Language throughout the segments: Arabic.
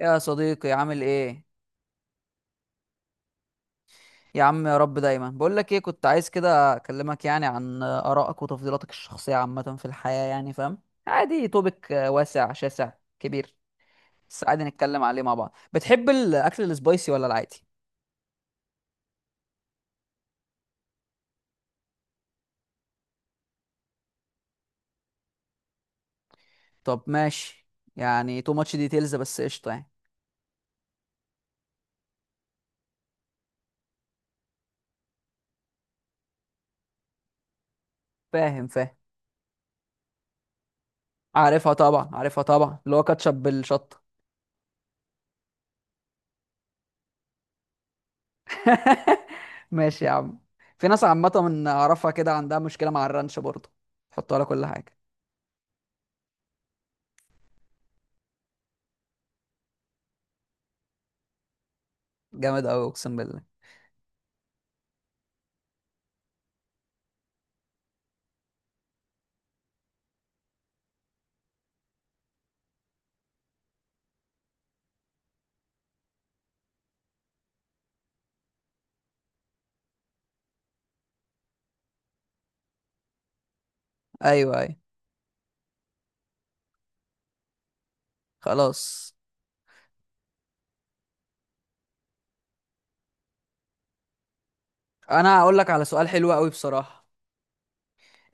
يا صديقي عامل ايه؟ يا عم يا رب، دايما بقول لك ايه، كنت عايز كده اكلمك يعني عن ارائك وتفضيلاتك الشخصيه عامه في الحياه، يعني فاهم؟ عادي، توبك واسع شاسع كبير، بس عادي نتكلم عليه مع بعض. بتحب الاكل السبايسي ولا العادي؟ طب ماشي، يعني تو ماتش ديتيلز بس، قشطه يعني. فاهم فاهم. عارفها طبعا، عارفها طبعا، اللي هو كاتشب بالشطه. ماشي يا عم. في ناس عامه من اعرفها كده عندها مشكله مع الرانش برضه، حطوا على كل حاجه. جامد قوي اقسم بالله. ايوه ايوه. خلاص. انا هقول لك على سؤال حلو قوي بصراحه.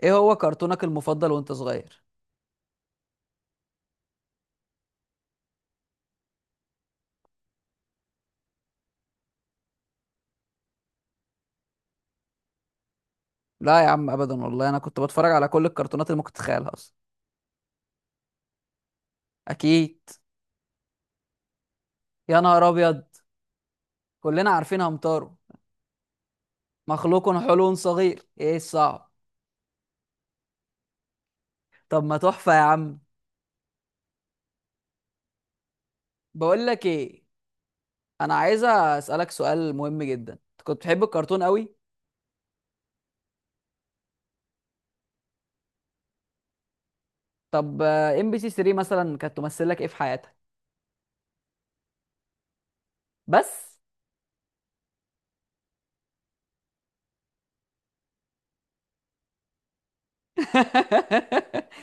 ايه هو كرتونك المفضل وانت صغير؟ لا يا عم ابدا والله، انا كنت بتفرج على كل الكرتونات اللي ممكن تتخيلها اصلا. اكيد. يا نهار ابيض، كلنا عارفين همتارو، مخلوق حلو صغير، ايه الصعب. طب ما تحفه يا عم. بقول لك ايه، انا عايزه اسالك سؤال مهم جدا، انت كنت بتحب الكرتون قوي؟ طب ام بي سي 3 مثلا كانت تمثل لك ايه في حياتك؟ بس.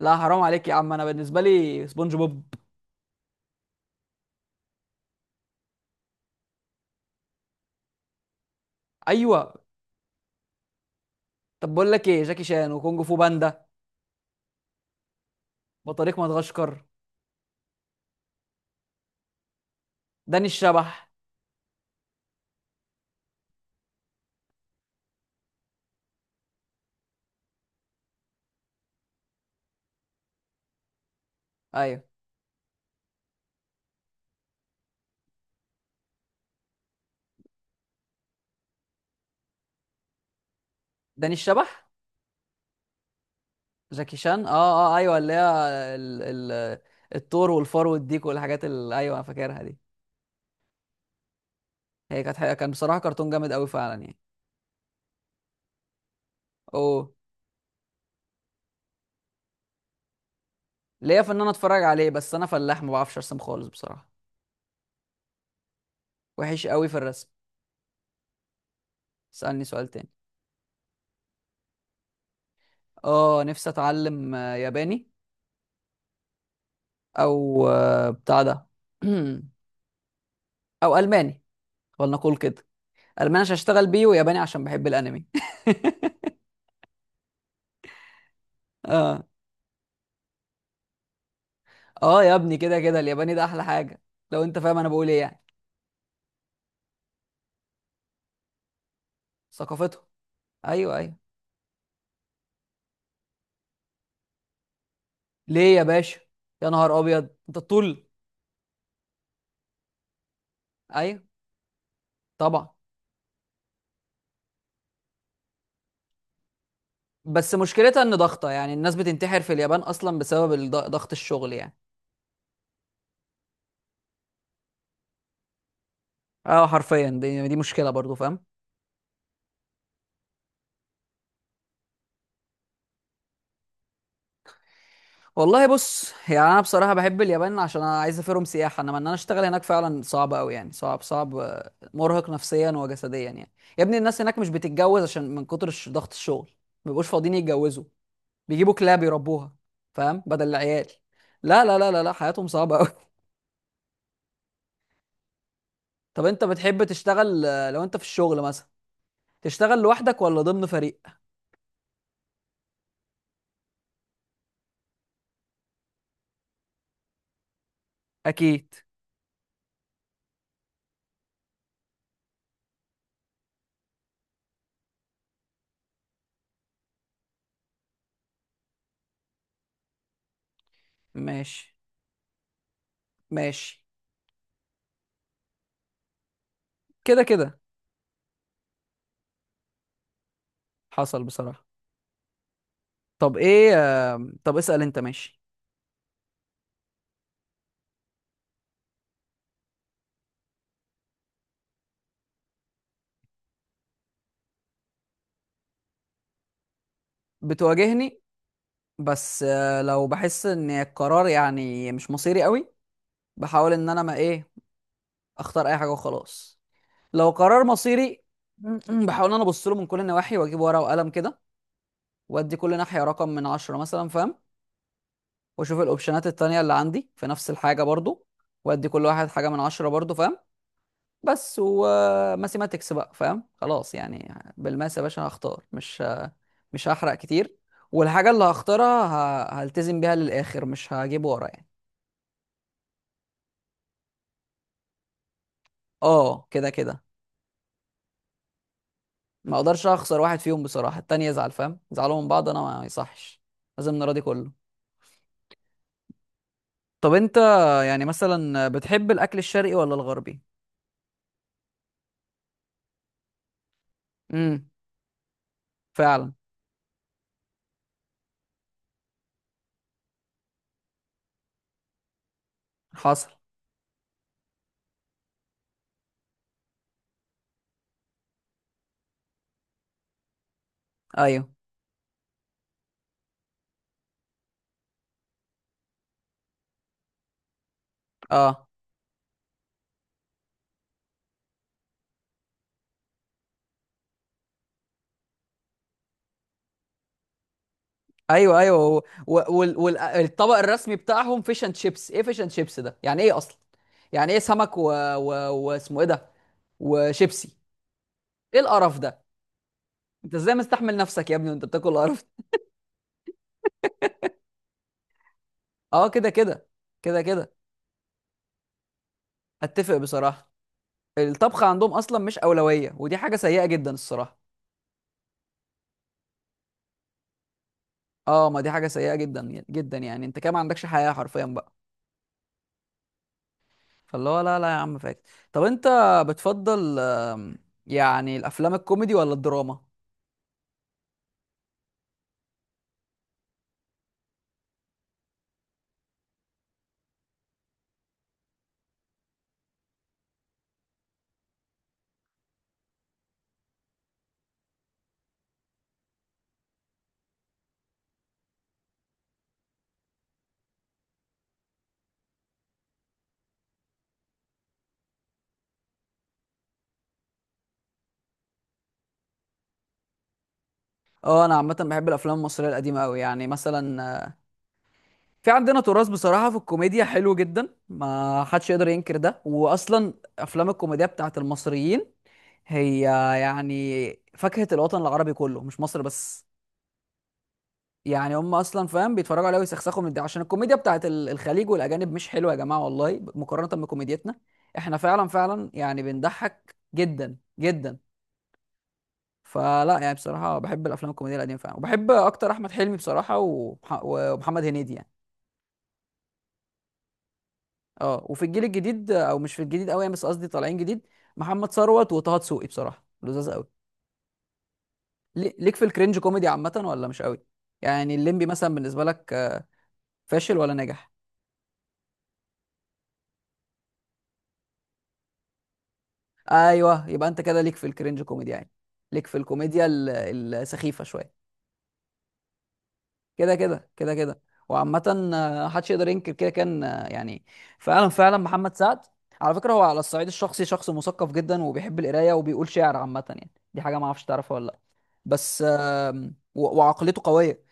لا حرام عليك يا عم، انا بالنسبه لي سبونج بوب. ايوه. طب بقول لك ايه، جاكي شان وكونج فو باندا، بطريق مدغشقر، داني الشبح. ايوه داني الشبح. جاكي شان اه. اه ايوه اللي هي، ال... ال... الثور والفار والديك والحاجات اللي، ايوه انا فاكرها دي. هي كانت حقيقة، كان بصراحه كرتون جامد قوي فعلا يعني. اوه. ليا في ان انا اتفرج عليه، بس انا فلاح، ما بعرفش ارسم خالص بصراحه، وحش قوي في الرسم. اسالني سؤال تاني. اه نفسي اتعلم ياباني، او بتاع ده، او الماني. ولنقول كده، الماني عشان اشتغل بيه، وياباني عشان بحب الانمي. اه. اه يا ابني، كده كده الياباني ده احلى حاجه، لو انت فاهم انا بقول ايه يعني. ثقافته. ايوه ايوه. ليه يا باشا؟ يا نهار ابيض انت الطول. ايوه طبعا. بس مشكلتها ان ضغطه يعني، الناس بتنتحر في اليابان اصلا بسبب ضغط الشغل يعني. اه حرفيا، دي مشكله برضو فاهم. والله بص يعني، انا بصراحه بحب اليابان عشان انا عايز اسافرهم سياحه، انما ان انا اشتغل هناك فعلا صعب قوي يعني، صعب صعب، مرهق نفسيا وجسديا يعني. يا ابني الناس هناك مش بتتجوز عشان من كتر ضغط الشغل، ما بيبقوش فاضيين يتجوزوا، بيجيبوا كلاب يربوها، فاهم بدل العيال. لا لا لا لا لا، حياتهم صعبه قوي. طب انت بتحب تشتغل لو انت في الشغل مثلا، تشتغل لوحدك ولا ضمن فريق؟ اكيد. ماشي ماشي. كده كده. حصل بصراحه. طب ايه، طب اسال انت ماشي. بتواجهني، بس لو بحس ان القرار يعني مش مصيري قوي، بحاول ان انا ما ايه، اختار اي حاجه وخلاص. لو قرار مصيري، بحاول ان انا ابص له من كل النواحي، واجيب ورقه وقلم كده، وادي كل ناحيه رقم من 10 مثلا فاهم، واشوف الاوبشنات التانية اللي عندي في نفس الحاجه برضو، وادي كل واحد حاجه من 10 برضو فاهم. بس وماثيماتكس بقى فاهم، خلاص يعني، بالماس يا باشا هختار، مش هحرق كتير، والحاجه اللي هختارها هلتزم بيها للاخر، مش هجيب ورا يعني. اه كده كده، ما اقدرش اخسر واحد فيهم بصراحه، التاني يزعل فاهم، يزعلوا من بعض، انا ما يصحش، لازم نراضي كله. طب انت يعني مثلا بتحب الاكل الشرقي ولا الغربي؟ امم. فعلا. حصل. ايوه. اه. ايوه ايوه و... و... وال... وال... الطبق الرسمي بتاعهم فيش اند شيبس، ايه فيش اند شيبس ده يعني ايه اصلا، يعني ايه سمك و... واسمه ايه ده، وشيبسي؟ ايه القرف ده، انت ازاي مستحمل نفسك يا ابني وانت بتاكل القرف ده؟ اه كده كده، كده كده. اتفق بصراحه، الطبخ عندهم اصلا مش اولويه، ودي حاجه سيئه جدا الصراحه. اه ما دي حاجه سيئه جدا جدا، يعني انت كده ما عندكش حياه حرفيا بقى. فاللي هو لا لا يا عم، فاكس. طب انت بتفضل يعني الافلام الكوميدي ولا الدراما؟ اه انا عامه بحب الافلام المصريه القديمه قوي، يعني مثلا في عندنا تراث بصراحه في الكوميديا حلو جدا، ما حدش يقدر ينكر ده، واصلا افلام الكوميديا بتاعت المصريين هي يعني فاكهه الوطن العربي كله، مش مصر بس، يعني هم اصلا فاهم بيتفرجوا عليها ويسخسخوا من ده، عشان الكوميديا بتاعت الخليج والاجانب مش حلوه يا جماعه والله، مقارنه بكوميديتنا، احنا فعلا فعلا يعني بنضحك جدا جدا. فلا يعني بصراحه بحب الافلام الكوميديه القديمه فعلا، وبحب اكتر احمد حلمي بصراحه ومحمد هنيدي يعني. اه وفي الجيل الجديد، او مش في الجديد قوي بس قصدي طالعين جديد، محمد ثروت وطه دسوقي بصراحه لذاذ قوي. ليك في الكرنج كوميدي عامه ولا مش قوي؟ يعني الليمبي مثلا بالنسبه لك فاشل ولا ناجح؟ ايوه يبقى انت كده ليك في الكرنج كوميدي يعني، ليك في الكوميديا السخيفه شويه، كده كده كده كده. وعامه محدش يقدر ينكر كده، كان يعني فعلا فعلا محمد سعد على فكره هو على الصعيد الشخصي شخص مثقف جدا، وبيحب القرايه، وبيقول شعر عامه يعني، دي حاجه ما اعرفش تعرفها ولا لا. بس وعقليته قويه،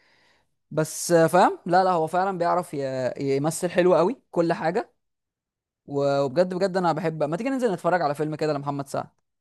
بس فاهم، لا لا، هو فعلا بيعرف يمثل حلو قوي كل حاجه، وبجد بجد انا بحب ما تيجي ننزل نتفرج على فيلم كده لمحمد سعد.